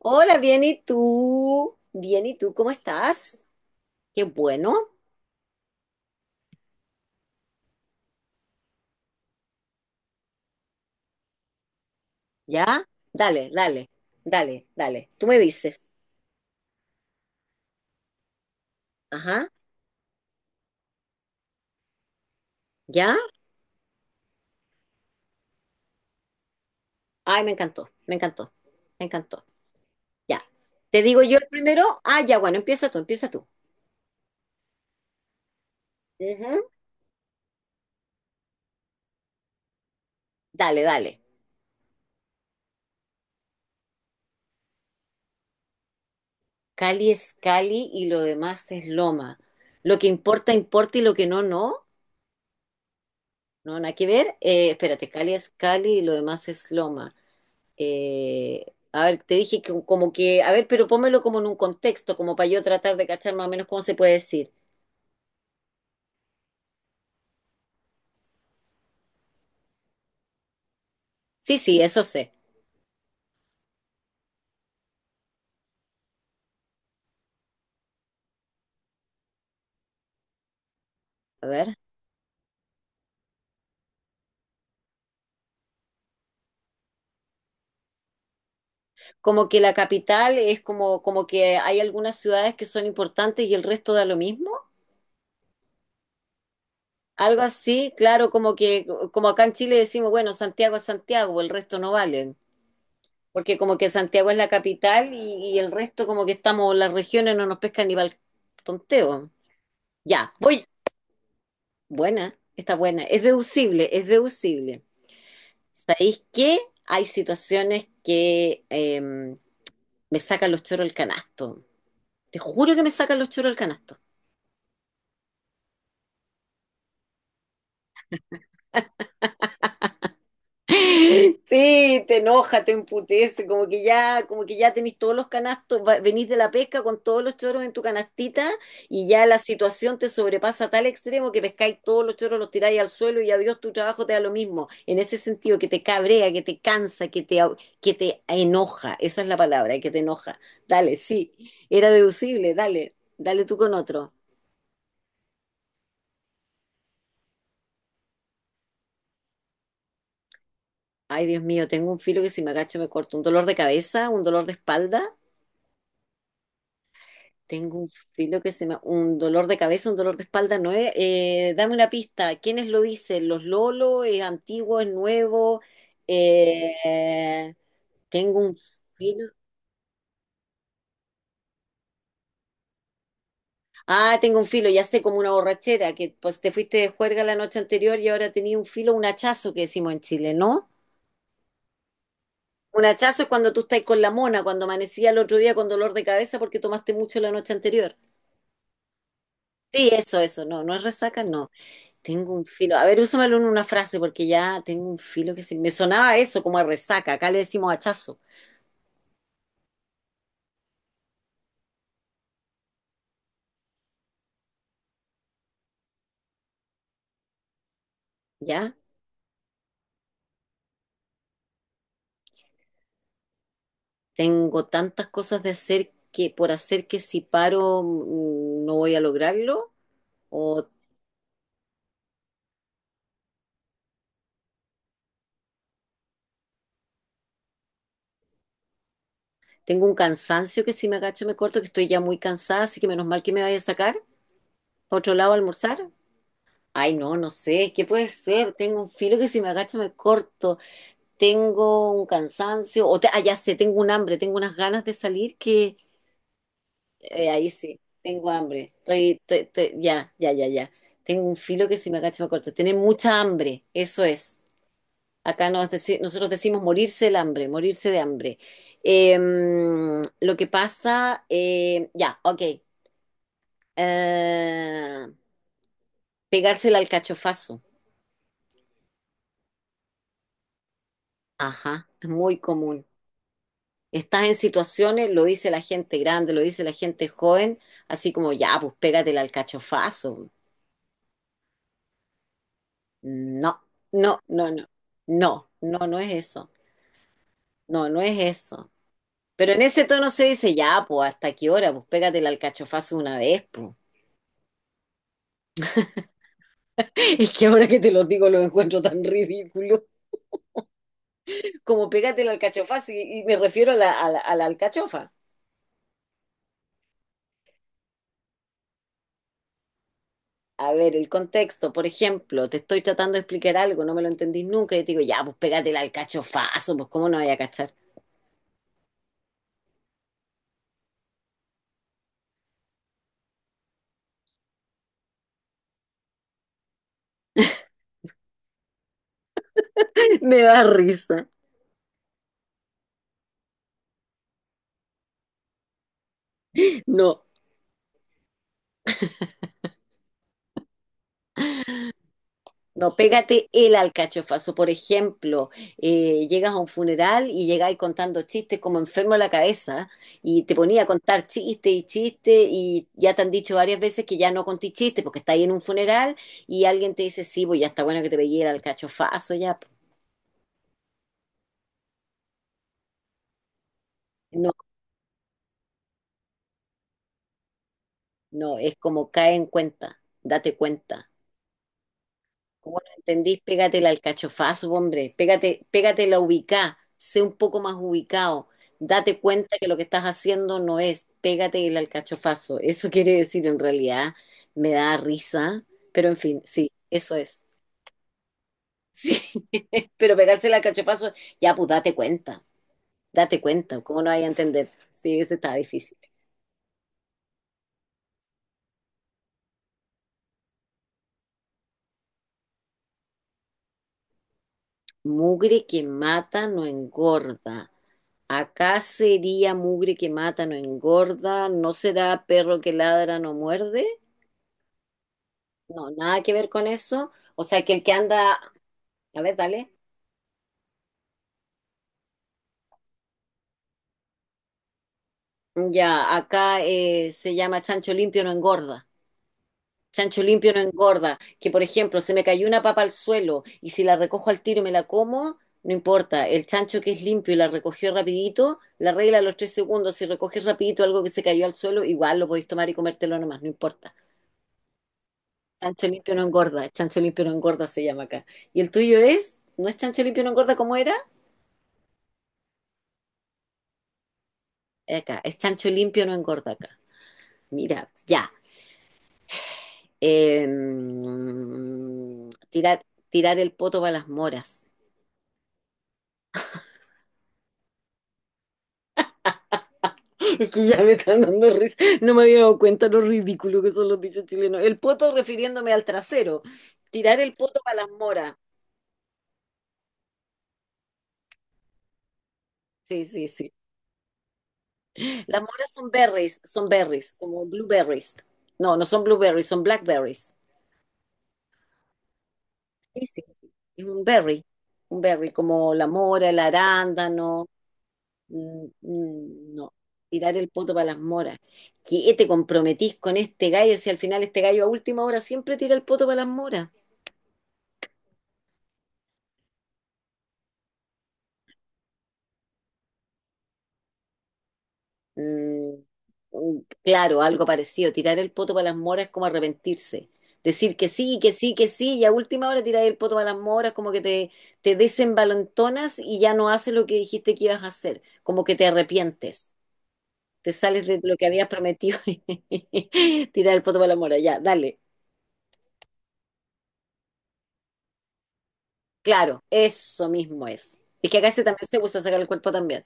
Hola, bien, ¿y tú? Bien, ¿y tú? ¿Cómo estás? Qué bueno. ¿Ya? Dale, dale, dale, dale. Tú me dices, ajá, ¿ya? Ay, me encantó, me encantó, me encantó. Ya. ¿Te digo yo el primero? Ah, ya, bueno, empieza tú, empieza tú. Ujú. Dale, dale. Cali es Cali y lo demás es Loma. Lo que importa, importa y lo que no, no. No, nada que ver. Espérate, Cali es Cali y lo demás es Loma. Eh, a ver, te dije que como que, a ver, pero pónmelo como en un contexto, como para yo tratar de cachar más o menos cómo se puede decir. Sí, sí, eso sé. A ver, como que la capital es como, como que hay algunas ciudades que son importantes y el resto da lo mismo. Algo así, claro, como que, como acá en Chile decimos, bueno, Santiago es Santiago, el resto no valen. Porque como que Santiago es la capital y el resto como que estamos, las regiones no nos pescan ni para el tonteo. Ya, voy. Buena, está buena. Es deducible, es deducible. ¿Sabéis qué? Hay situaciones que me sacan los choros el canasto. Te juro que me sacan los choros el canasto. Sí, te enoja, te emputece, como que ya tenés todos los canastos, venís de la pesca con todos los choros en tu canastita y ya la situación te sobrepasa a tal extremo que pescáis todos los choros, los tiráis al suelo y adiós, tu trabajo te da lo mismo. En ese sentido, que te cabrea, que te cansa, que te, que te enoja, esa es la palabra, que te enoja. Dale, sí, era deducible, dale, dale tú con otro. Ay, Dios mío, tengo un filo que si me agacho me corto, un dolor de cabeza, un dolor de espalda. Tengo un filo que se me... un dolor de cabeza, un dolor de espalda, no es... dame una pista, ¿quiénes lo dicen? ¿Los Lolo? ¿Es antiguo? ¿Es nuevo? Eh, Tengo un filo... Ah, tengo un filo, ya sé, como una borrachera, que pues te fuiste de juerga la noche anterior y ahora tenía un filo, un hachazo que decimos en Chile, ¿no? Un hachazo es cuando tú estás con la mona, cuando amanecía el otro día con dolor de cabeza porque tomaste mucho la noche anterior. Sí, eso, no, no es resaca, no. Tengo un filo. A ver, úsamelo en una frase porque ya tengo un filo que se... Me sonaba eso como a resaca. Acá le decimos hachazo. ¿Ya? Tengo tantas cosas de hacer que por hacer que si paro no voy a lograrlo. O tengo un cansancio que si me agacho me corto, que estoy ya muy cansada, así que menos mal que me vaya a sacar. ¿Para otro lado a almorzar? Ay, no, no sé. ¿Qué puede ser? Tengo un filo que si me agacho me corto. Tengo un cansancio. Ah, ya sé, tengo un hambre, tengo unas ganas de salir que ahí sí, tengo hambre. Ya, ya, ya, ya. Tengo un filo que si me agacho me corto. Tener mucha hambre, eso es. Acá nosotros decimos morirse el hambre, morirse de hambre. Eh, lo que pasa, ya, ok. Eh, pegarse el alcachofazo. Ajá, es muy común. Estás en situaciones, lo dice la gente grande, lo dice la gente joven, así como ya, pues pégate el alcachofazo. No, no, no, no, no, no, no es eso, no, no es eso. Pero en ese tono se dice, ya, pues, ¿hasta qué hora? Pues pégate el alcachofazo una vez, pues. Es que ahora que te lo digo lo encuentro tan ridículo. Como pégate el alcachofazo y me refiero a la, a la alcachofa. A ver, el contexto, por ejemplo, te estoy tratando de explicar algo, no me lo entendís nunca y te digo, ya, pues pégate el alcachofazo, pues, ¿cómo no voy a cachar? Me da risa. No. No, pégate el alcachofazo. Por ejemplo, llegas a un funeral y llegáis contando chistes como enfermo de la cabeza y te ponía a contar chistes y chistes y ya te han dicho varias veces que ya no contí chistes porque estáis en un funeral y alguien te dice, sí, pues ya está bueno que te pegué el alcachofazo ya. No, no, es como cae en cuenta, date cuenta. ¿Cómo no entendís? Pégate el alcachofazo, hombre. Pégate, pégate la ubicá. Sé un poco más ubicado. Date cuenta que lo que estás haciendo no es pégate el alcachofazo. Eso quiere decir en realidad, me da risa, pero en fin, sí, eso es. Sí, pero pegarse el alcachofazo, ya pues date cuenta, ¿cómo no hay a entender? Sí, ese está difícil. Mugre que mata no engorda. Acá sería mugre que mata no engorda. ¿No será perro que ladra no muerde? No, nada que ver con eso. O sea, que el que anda... A ver, dale. Ya, acá se llama chancho limpio no engorda. Chancho limpio no engorda. Que, por ejemplo, se me cayó una papa al suelo y si la recojo al tiro y me la como, no importa. El chancho que es limpio y la recogió rapidito, la regla a los tres segundos. Si recoges rapidito algo que se cayó al suelo, igual lo podéis tomar y comértelo nomás, no importa. Chancho limpio no engorda. Chancho limpio no engorda se llama acá. ¿Y el tuyo es? ¿No es chancho limpio no engorda como era? Acá. Es chancho limpio no engorda acá. Mira, ya. Eh, tirar, tirar el poto para las moras. Es que ya me están dando risa. No me había dado cuenta lo ridículo que son los dichos chilenos. El poto refiriéndome al trasero. Tirar el poto para las moras. Sí, sí, sí. Las moras son berries, como blueberries. No, no son blueberries, son blackberries. Sí, sí, sí. Es un berry. Un berry, como la mora, el arándano. Mm, mm, no. Tirar el poto para las moras. ¿Qué te comprometís con este gallo si al final este gallo a última hora siempre tira el poto para las moras? Mm, mm, claro, algo parecido. Tirar el poto para las moras es como arrepentirse. Decir que sí, que sí, que sí, y a última hora tirar el poto para las moras, como que te desembalentonas y ya no haces lo que dijiste que ibas a hacer, como que te arrepientes, te sales de lo que habías prometido y tirar el poto para las moras. Ya, dale, claro, eso mismo es. Es que acá se también se usa sacar el cuerpo también.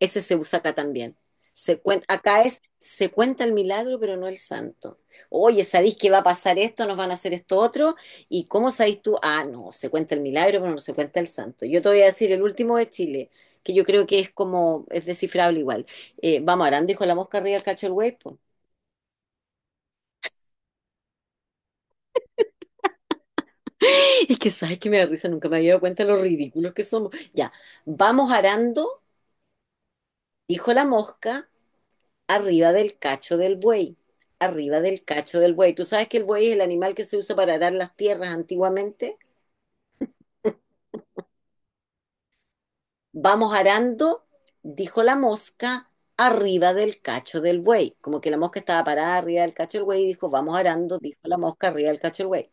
Ese se usa acá también. Acá es, se cuenta el milagro, pero no el santo. Oye, ¿sabéis que va a pasar esto? ¿Nos van a hacer esto otro? ¿Y cómo sabéis tú? Ah, no, se cuenta el milagro, pero no se cuenta el santo. Yo te voy a decir el último de Chile, que yo creo que es como, es descifrable igual. Vamos, Arán dijo la mosca arriba, el cacho el güey, po. Es que sabes que me da risa, nunca me había dado cuenta de lo ridículos que somos. Ya, vamos arando, dijo la mosca, arriba del cacho del buey, arriba del cacho del buey. Tú sabes que el buey es el animal que se usa para arar las tierras antiguamente. Vamos arando, dijo la mosca, arriba del cacho del buey. Como que la mosca estaba parada arriba del cacho del buey y dijo, vamos arando, dijo la mosca arriba del cacho del buey.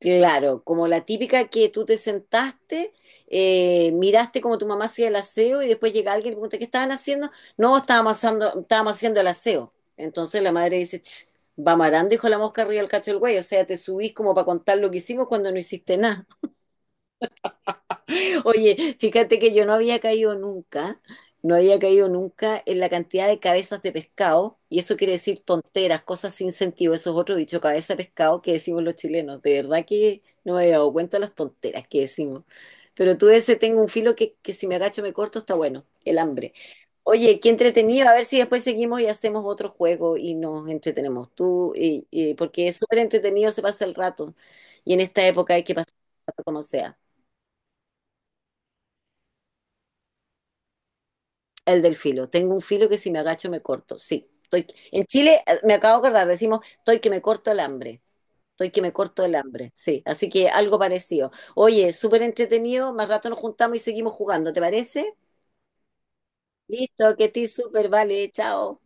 Claro, como la típica que tú te sentaste, miraste como tu mamá hacía el aseo y después llega alguien y pregunta, ¿qué estaban haciendo? No, estábamos haciendo el aseo. Entonces la madre dice, "Ch, va marando, hijo la mosca arriba del cacho del güey". O sea, te subís como para contar lo que hicimos cuando no hiciste nada. Oye, fíjate que yo no había caído nunca, no había caído nunca en la cantidad de cabezas de pescado, y eso quiere decir tonteras, cosas sin sentido, eso es otro dicho, cabeza de pescado que decimos los chilenos. De verdad que no me había dado cuenta de las tonteras que decimos. Pero tú ese tengo un filo que si me agacho me corto, está bueno, el hambre. Oye, qué entretenido, a ver si después seguimos y hacemos otro juego y nos entretenemos tú, porque es súper entretenido, se pasa el rato, y en esta época hay que pasar el rato como sea. El del filo. Tengo un filo que si me agacho me corto. Sí. Estoy... En Chile, me acabo de acordar, decimos, estoy que me corto el hambre. Estoy que me corto el hambre. Sí. Así que algo parecido. Oye, súper entretenido. Más rato nos juntamos y seguimos jugando. ¿Te parece? Listo, que estés súper. Vale, chao.